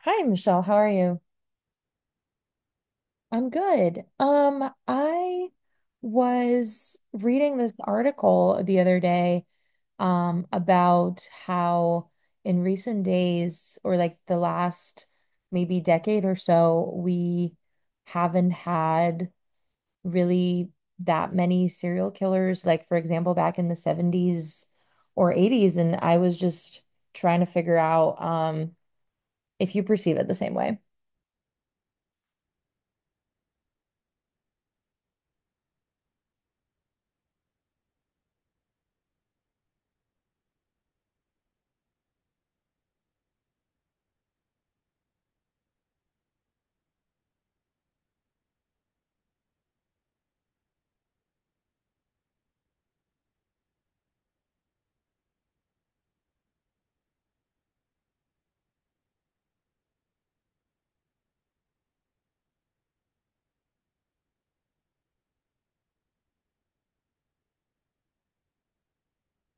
Hi, Michelle. How are you? I'm good. I was reading this article the other day, about how in recent days, or like the last maybe decade or so, we haven't had really that many serial killers. Like, for example, back in the 70s or 80s, and I was just trying to figure out, if you perceive it the same way.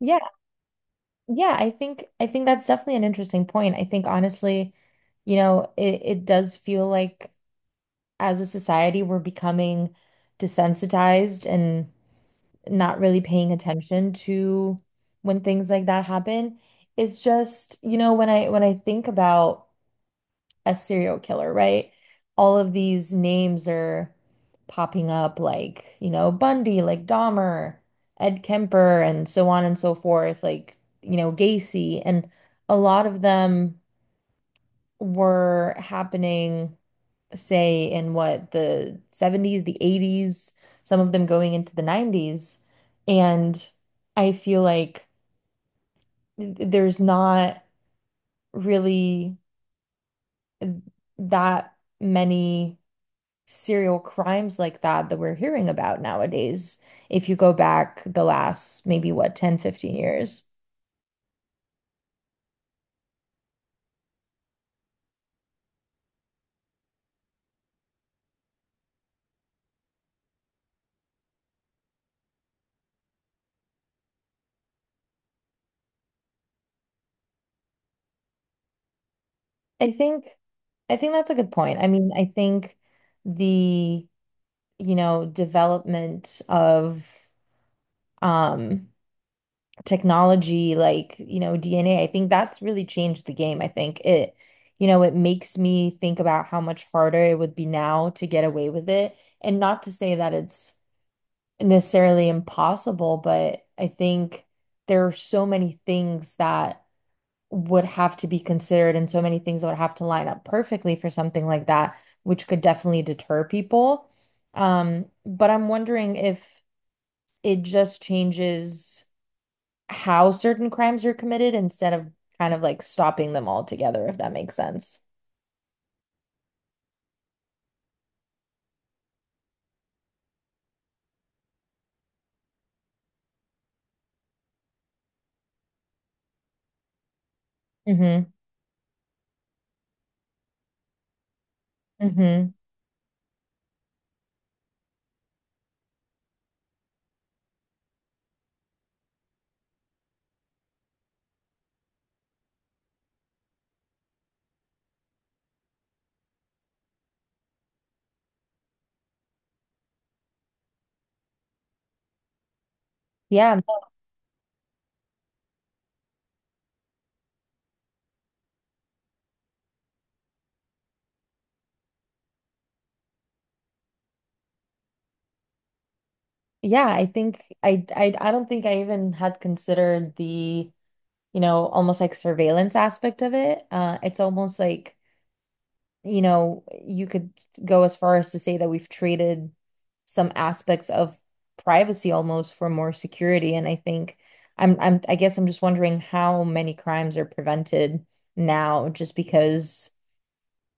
Yeah. Yeah, I think that's definitely an interesting point. I think honestly, it does feel like as a society we're becoming desensitized and not really paying attention to when things like that happen. It's just, when I think about a serial killer, right? All of these names are popping up, like, Bundy, like Dahmer, Ed Kemper, and so on and so forth, like, Gacy. And a lot of them were happening, say, in what, the 70s, the 80s, some of them going into the 90s. And I feel like there's not really that many serial crimes like that that we're hearing about nowadays, if you go back the last maybe what 10-15 years. I think I think that's a good point. I mean, I think the development of um technology like, DNA, I think that's really changed the game. I think it makes me think about how much harder it would be now to get away with it. And not to say that it's necessarily impossible, but I think there are so many things that would have to be considered and so many things that would have to line up perfectly for something like that, which could definitely deter people. But I'm wondering if it just changes how certain crimes are committed instead of kind of like stopping them altogether, if that makes sense. Hmm. Hmm. Yeah. Yeah, I think I don't think I even had considered the almost like surveillance aspect of it. It's almost like, you could go as far as to say that we've traded some aspects of privacy almost for more security. And I think I guess I'm just wondering how many crimes are prevented now just because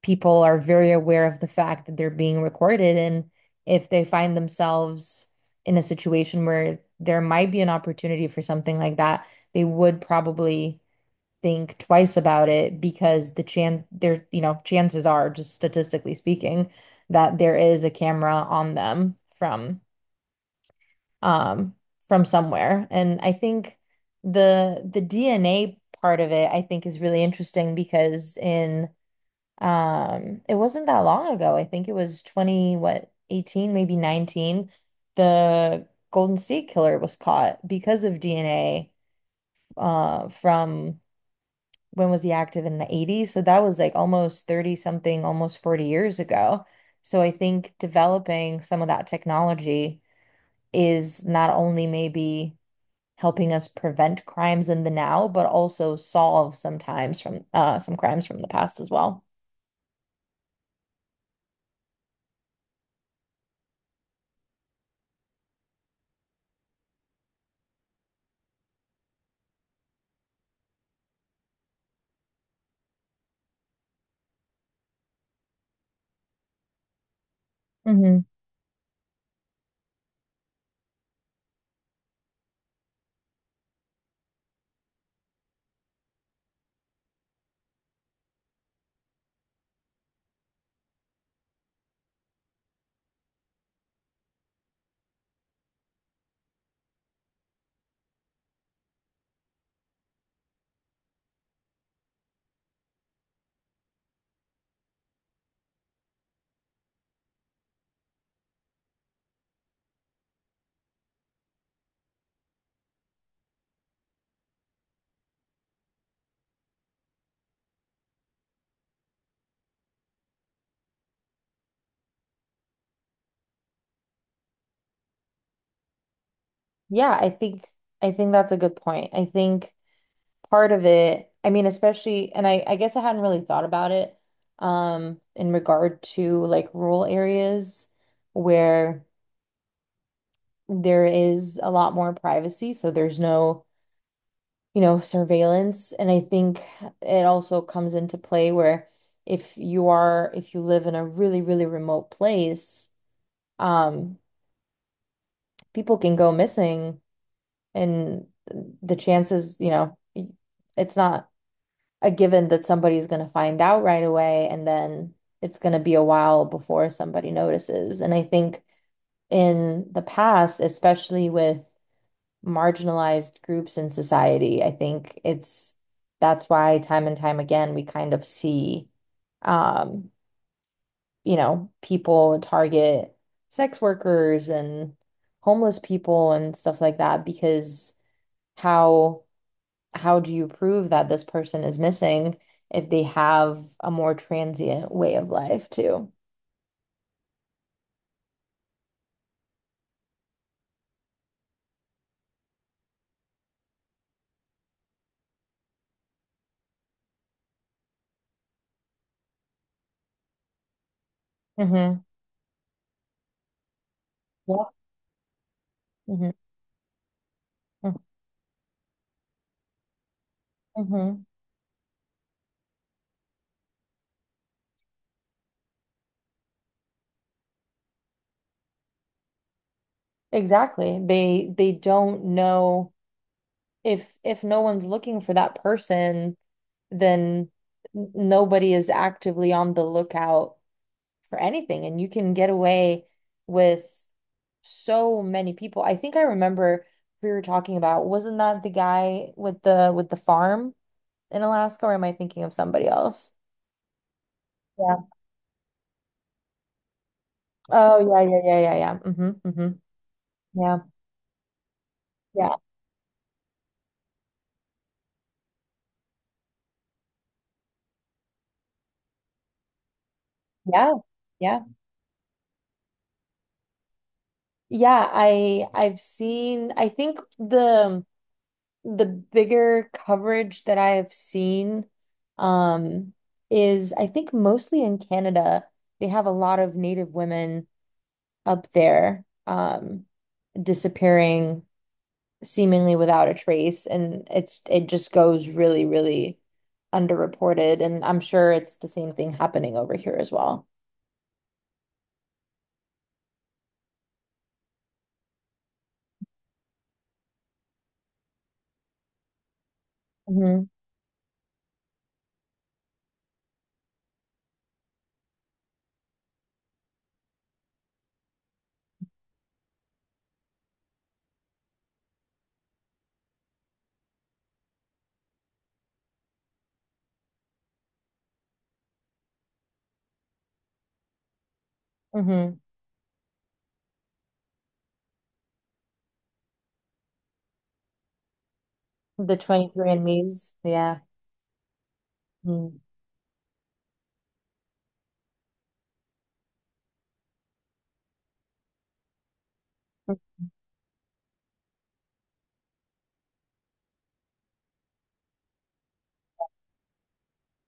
people are very aware of the fact that they're being recorded. And if they find themselves in a situation where there might be an opportunity for something like that, they would probably think twice about it because there, chances are, just statistically speaking, that there is a camera on them from um from somewhere. And I think the DNA part of it, I think, is really interesting because in it wasn't that long ago. I think it was 20, what, 18, maybe 19, the Golden State Killer was caught because of DNA from when was he active in the 80s? So that was like almost 30 something, almost 40 years ago. So I think developing some of that technology is not only maybe helping us prevent crimes in the now, but also solve sometimes from some crimes from the past as well. Hmm. Yeah, I think that's a good point. I think part of it, I mean, especially, and I guess I hadn't really thought about it in regard to like rural areas where there is a lot more privacy, so there's no, surveillance. And I think it also comes into play where if you live in a really, really remote place, um, people can go missing and the chances, it's not a given that somebody's going to find out right away and then it's going to be a while before somebody notices. And I think in the past, especially with marginalized groups in society. I think it's that's why time and time again we kind of see um, people target sex workers and homeless people and stuff like that because how how do you prove that this person is missing if they have a more transient way of life too? Mm-hmm. Yeah. Mm-hmm. Mm-hmm. Mm-hmm. Exactly. They don't know if no one's looking for that person, then nobody is actively on the lookout for anything, and you can get away with so many people. I think I remember we were talking about, wasn't that the guy with the farm in Alaska, or am I thinking of somebody else? Yeah. Oh, yeah, yeah, yeah, yeah, yeah. Mm-hmm, mm-hmm. Yeah. Yeah. Yeah. Yeah. Yeah, I've seen I think the bigger coverage that I have seen um, is I think mostly in Canada, they have a lot of Native women up there disappearing seemingly without a trace, and it just goes really, really underreported, and I'm sure it's the same thing happening over here as well. Hmm. Hmm. The 23andMe's, and Me's.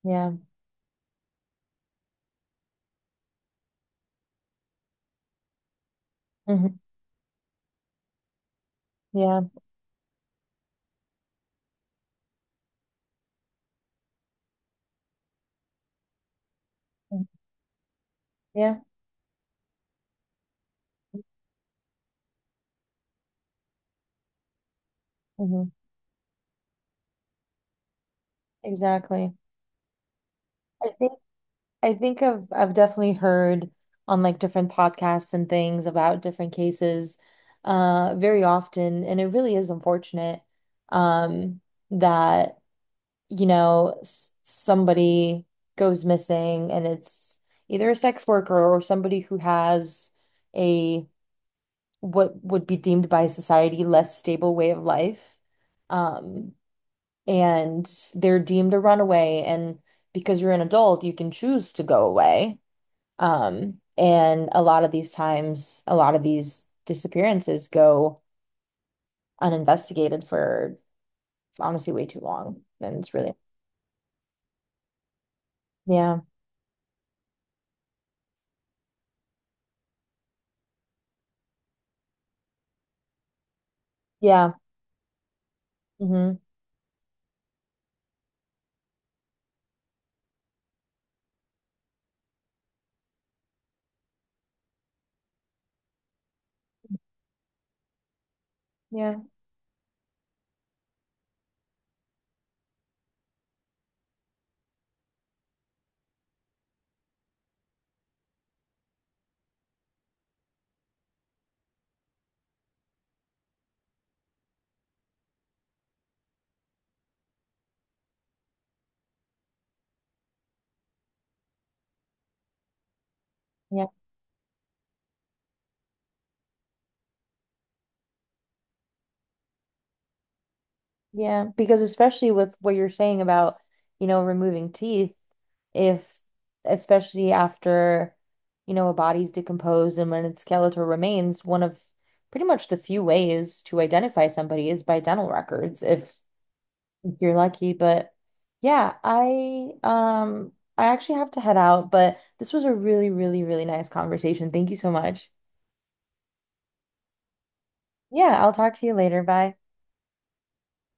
Yeah. Mm. Yeah. Hmm. Yeah. Mhm. Yeah. Hmm. Exactly. I think I think I've definitely heard on like different podcasts and things about different cases very often and it really is unfortunate um that you know s somebody goes missing and it's either a sex worker or somebody who has a, what would be deemed by society, less stable way of life, um and they're deemed a runaway, and because you're an adult you can choose to go away, and a lot of these times, a lot of these disappearances go uninvestigated for honestly way too long. And it's really. Yeah, yeah. Hmm. Yeah, yeah, yeah. Because especially with what you're saying about, removing teeth, if especially after, a body's decomposed and when its skeletal remains, one of pretty much the few ways to identify somebody is by dental records. If you're lucky, but yeah, I actually have to head out, but this was a really, really, really nice conversation. Thank you so much. Yeah, I'll talk to you later. Bye.